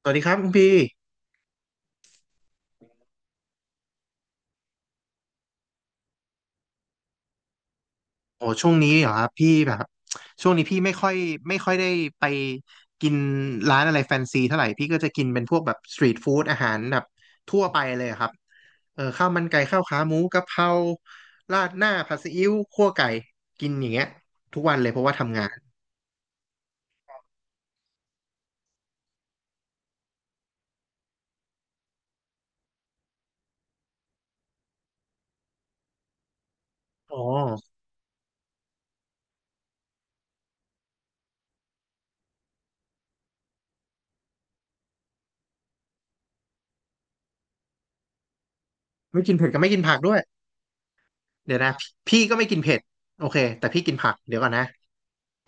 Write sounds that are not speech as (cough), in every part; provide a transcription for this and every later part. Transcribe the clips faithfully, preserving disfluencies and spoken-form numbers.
สวัสดีครับคุณพี่โอ้ช่วงนี้เหรอครับพี่แบบช่วงนี้พี่ไม่ค่อยไม่ค่อยได้ไปกินร้านอะไรแฟนซีเท่าไหร่พี่ก็จะกินเป็นพวกแบบสตรีทฟู้ดอาหารแบบทั่วไปเลยครับเออข้าวมันไก่ข้าวขาหมูกะเพราราดหน้าผัดซีอิ๊วคั่วไก่กินอย่างเงี้ยทุกวันเลยเพราะว่าทำงานอ๋อไม่กินเผ็ดก็ไม่กินผักด้วยเดี๋ยวนะพี่ก็ไม่กินเผ็ดโอเคแต่พี่กินผักเดี๋ยวก่อนนะ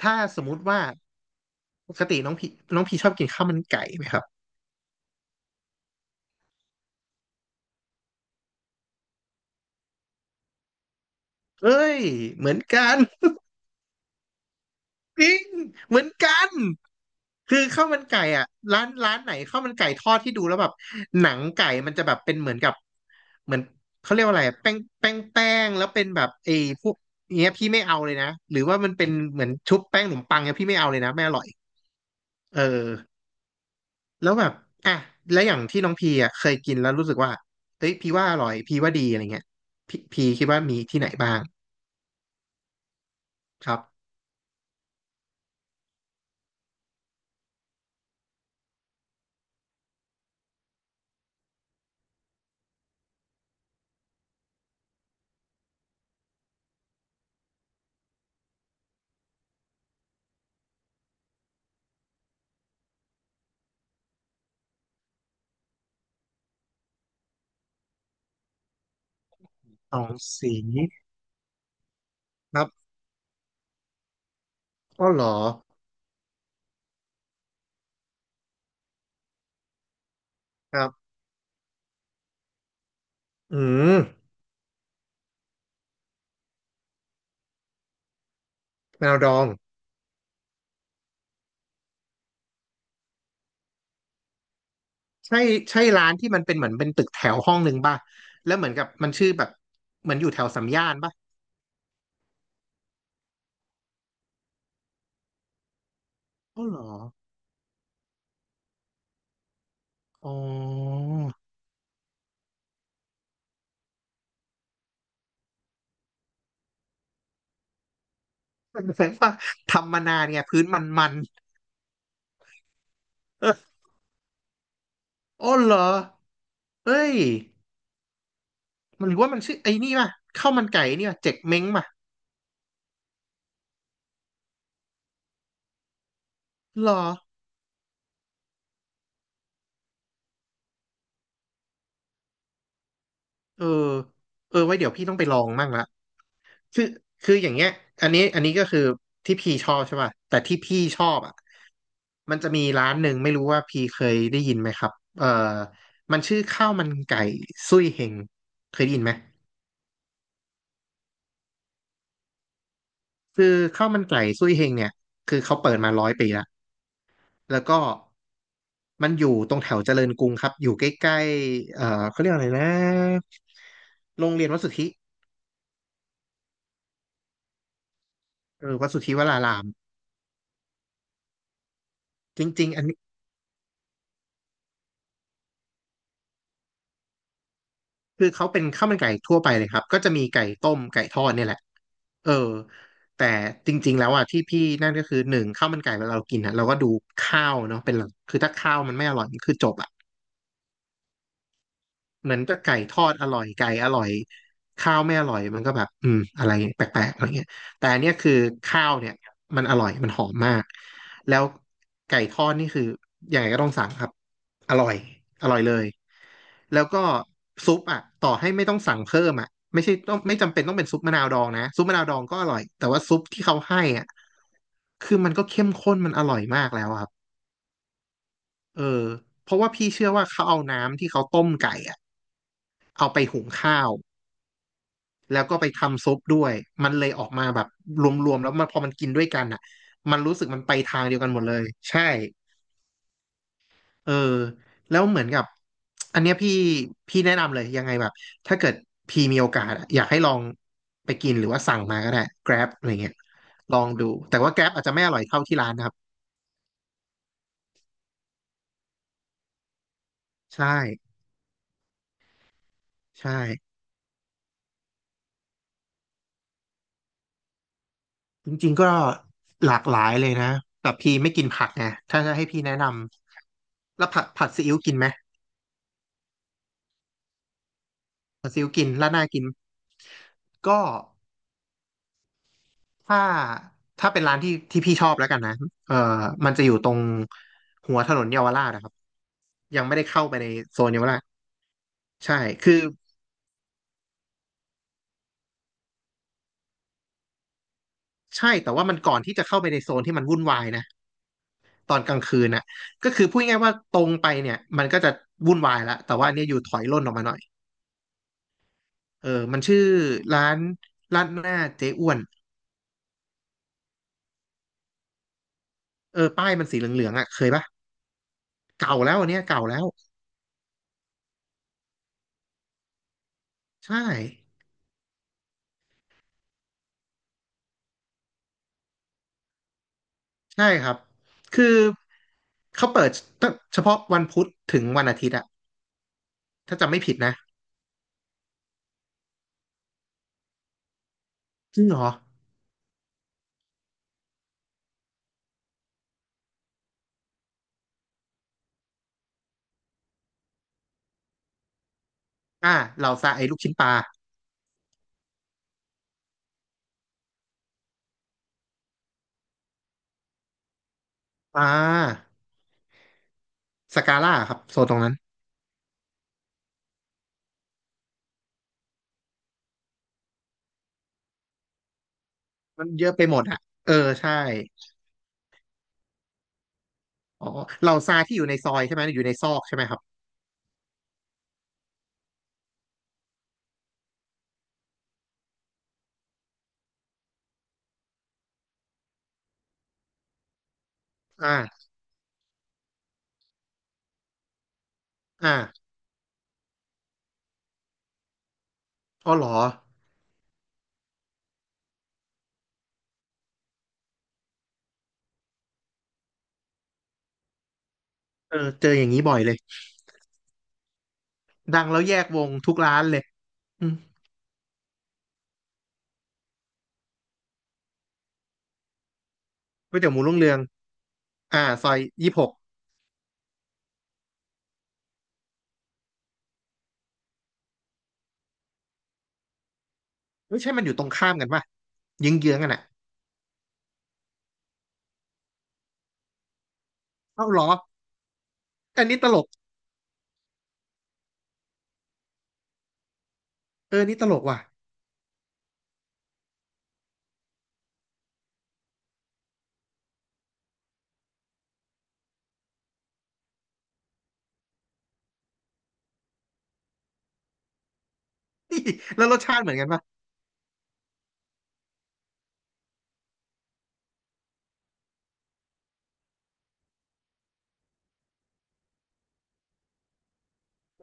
ถ้าสมมุติว่าปกติน้องพี่น้องพี่ชอบกินข้าวมันไก่ไหมครับเอ้ยเหมือนกัน จริงเหมือนกันคือข้าวมันไก่อ่ะร้านร้านไหนข้าวมันไก่ทอดที่ดูแล้วแบบหนังไก่มันจะแบบเป็นเหมือนกับเหมือนเขาเรียกว่าอะไรอะแป้งแป้งแป้งแล้วเป็นแบบไอ้พวกเนี้ยพี่ไม่เอาเลยนะหรือว่ามันเป็นเหมือนชุบแป้งขนมปังเนี้ยพี่ไม่เอาเลยนะไม่อร่อยเออแล้วแบบอ่ะแล้วอย่างที่น้องพีอ่ะเคยกินแล้วรู้สึกว่าเอ้ยพี่ว่าอร่อยพี่ว่าดีอะไรเงี้ยพี่พีคิดว่ามีที่ไหนบ้างครับสองสีครับกอเหรอครับอืม แมนาวดองใช่ใช่ร้านที่มันเป็นเหมือนเป็นตึกแถวห้องหนึ่งป่ะแล้วเหมือนกับมันชื่อแบบเหมือนอยู่แถวสามย่านป่ะอ๋อเหรออ๋อมันแสดงว่าทำมานานไงพื้นมันมันเอออ๋อเหรอเอ้ยมันหรือว่ามันชื่อไอ้นี่ป่ะข้าวมันไก่นี่ป่ะเจ๊กเม้งป่ะเหรอเออเออไว้เดี๋ยวพี่ต้องไปลองมั่งละ คือคืออย่างเงี้ยอันนี้อันนี้ก็คือที่พี่ชอบใช่ป่ะแต่ที่พี่ชอบอ่ะมันจะมีร้านหนึ่งไม่รู้ว่าพี่เคยได้ยินไหมครับเอ่อมันชื่อข้าวมันไก่ซุยเฮงเคยได้ยินไหมคือข้าวมันไก่ซุยเฮงเนี่ยคือเขาเปิดมาร้อยปีละแล้วก็มันอยู่ตรงแถวเจริญกรุงครับอยู่ใกล้ๆเอ่อเขาเรียกอะไรนะโรงเรียนวัดสุทธิเออวัดสุทธิวรารามจริงๆอัน คือเขาเป็นข้าวมันไก่ทั่วไปเลยครับ ก็จะมีไก่ต้มไก่ทอดเนี่ยแหละเออแต่จริงๆแล้วอ่ะที่พี่นั่นก็คือหนึ่งข้าวมันไก่เวลาเรากินอ่ะเราก็ดูข้าวเนาะเป็นหลักคือถ้าข้าวมันไม่อร่อยมันคือจบอ่ะเหมือนกับไก่ทอดอร่อยไก่อร่อยข้าวไม่อร่อยมันก็แบบอืมอะไรแปลกๆอะไรเงี้ยแต่อันเนี้ยคือข้าวเนี่ยมันอร่อยมันหอมมากแล้วไก่ทอดนี่คือยังไงก็ต้องสั่งครับอร่อยอร่อยเลย แล้วก็ซุปอ่ะต่อให้ไม่ต้องสั่งเพิ่มอ่ะไม่ใช่ต้องไม่จำเป็นต้องเป็นซุปมะนาวดองนะซุปมะนาวดองก็อร่อยแต่ว่าซุปที่เขาให้อ่ะคือมันก็เข้มข้นมันอร่อยมากแล้วอะครับเออเพราะว่าพี่เชื่อว่าเขาเอาน้ำที่เขาต้มไก่อะเอาไปหุงข้าวแล้วก็ไปทำซุปด้วยมันเลยออกมาแบบรวมๆแล้วมันพอมันกินด้วยกันอะมันรู้สึกมันไปทางเดียวกันหมดเลยใช่ เออแล้วเหมือนกับอันเนี้ยพี่พี่แนะนำเลยยังไงแบบถ้าเกิดพี่มีโอกาสอะอยากให้ลองไปกินหรือว่าสั่งมาก็ได้ Grab อะไรเงี้ยลองดูแต่ว่า Grab อาจจะไม่อร่อยเท่าที่ร้านนะครับใช่ใช่จริงๆก็หลากหลายเลยนะแต่พี่ไม่กินผักไงถ้าจะให้พี่แนะนำแล้วผัดผัดซีอิ๊วกินไหมผัดซีอิ๊วกินราดหน้ากินก็ถ้าถ้าเป็นร้านที่ที่พี่ชอบแล้วกันนะเออมันจะอยู่ตรงหัวถนนเยาวราชนะครับ ยังไม่ได้เข้าไปในโซนเยาวราชใช่คือใช่แต่ว่ามันก่อนที่จะเข้าไปในโซนที่มันวุ่นวายนะตอนกลางคืนน่ะก็คือพูดง่ายๆว่าตรงไปเนี่ยมันก็จะวุ่นวายละแต่ว่าเนี่ยอยู่ถอยร่นออกมาหน่อยเออมันชื่อร้านร้านหน้าเจ๊อ้วนเออป้ายมันสีเหลืองๆอ่ะเคยปะเก่าแล้วอันเนี้ยเก่าแล้วใช่ใช่ครับคือเขาเปิดตั้งเฉพาะวันพุธถึงวันอาทิตย์อะถ้าจำไม่ผิดนะจริงเหรออ่าเราซาไอ้ลูกชิ้นปลาอ่าสกาล่าครับโซนตรงนั้น มันเยอะไปหมดอ่ะเออใช่อ๋อเราซาที่อยู่ในซอยใช่ไหมอยู่ในซอกใช่ไหมครับอ่าอ่าอ๋อเหรอเออเจออย่างนี้บ่อยเลยดังแล้วแยกวงทุกร้านเลยอืมก๋วยเตี๋ยวหมูรุ่งเรืองอ่าซอยยี่สิบหกไม่ใช่มันอยู่ตรงข้ามกันป่ะเยื้องเยื้องกันอ่ะเอ้าเหรออันนี้ตลกเออนี่ตลกว่ะ (laughs) แล้วรสชาติเหมือนกันป่ะ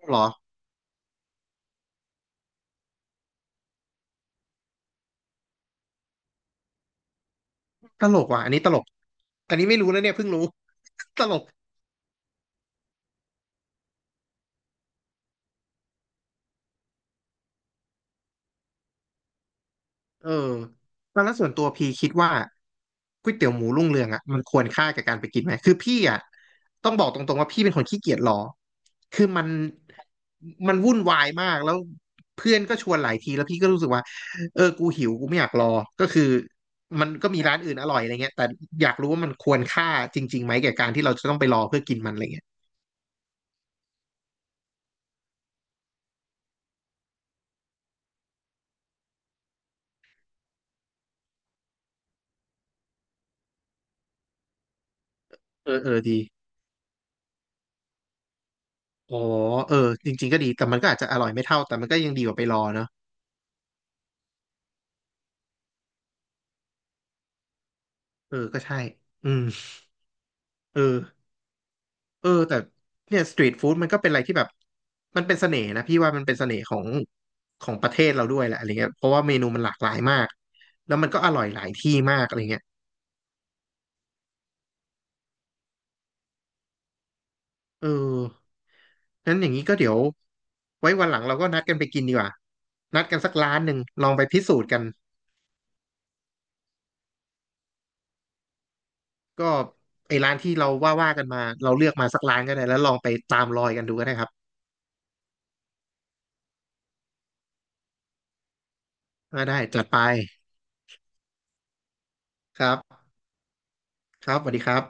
เหรอตลกว่ะอันนี้ตลกอันนี้ไม่รู้นะเนี่ยเพิ่งรู้ (laughs) ตลก เออแล้วแล้วส่วนตัวพี่คิดว่าก๋วยเตี๋ยวหมูรุ่งเรืองอ่ะมันควรค่ากับการไปกินไหมคือพี่อ่ะต้องบอกตรงๆว่าพี่เป็นคนขี้เกียจรอ คือมันมันวุ่นวายมากแล้วเพื่อนก็ชวนหลายทีแล้วพี่ก็รู้สึกว่าเออกูหิวกูไม่อยากรอ ก็คือมันก็มีร้านอื่นอร่อยอะไรเงี้ยแต่อยากรู้ว่ามันควรค่าจริงๆไหมแก่การที่เราจะต้องไปรอเพื่อกินมันอะไรเงี้ยเออเออดีอ๋อเออจริงๆก็ดีแต่มันก็อาจจะอร่อยไม่เท่าแต่มันก็ยังดีกว่าไปรอเนาะเออก็ใช่อืมเออ เออแต่เนี่ยสตรีทฟู้ดมันก็เป็นอะไรที่แบบมันเป็นเสน่ห์นะพี่ว่ามันเป็นเสน่ห์ของของประเทศเราด้วยแหละอะไรเงี้ยเพราะว่าเมนูมันหลากหลายมากแล้วมันก็อร่อยหลายที่มากอะไรเงี้ยเออนั้นอย่างนี้ก็เดี๋ยวไว้วันหลังเราก็นัดกันไปกินดีกว่านัดกันสักร้านหนึ่งลองไปพิสูจน์กันก็ไอ้ร้านที่เราว่าว่ากันมาเราเลือกมาสักร้านก็ได้แล้วลองไปตามรอยกันดูก็ได้ครับอ่าได้จัดไปครับครับสวัสดีครับ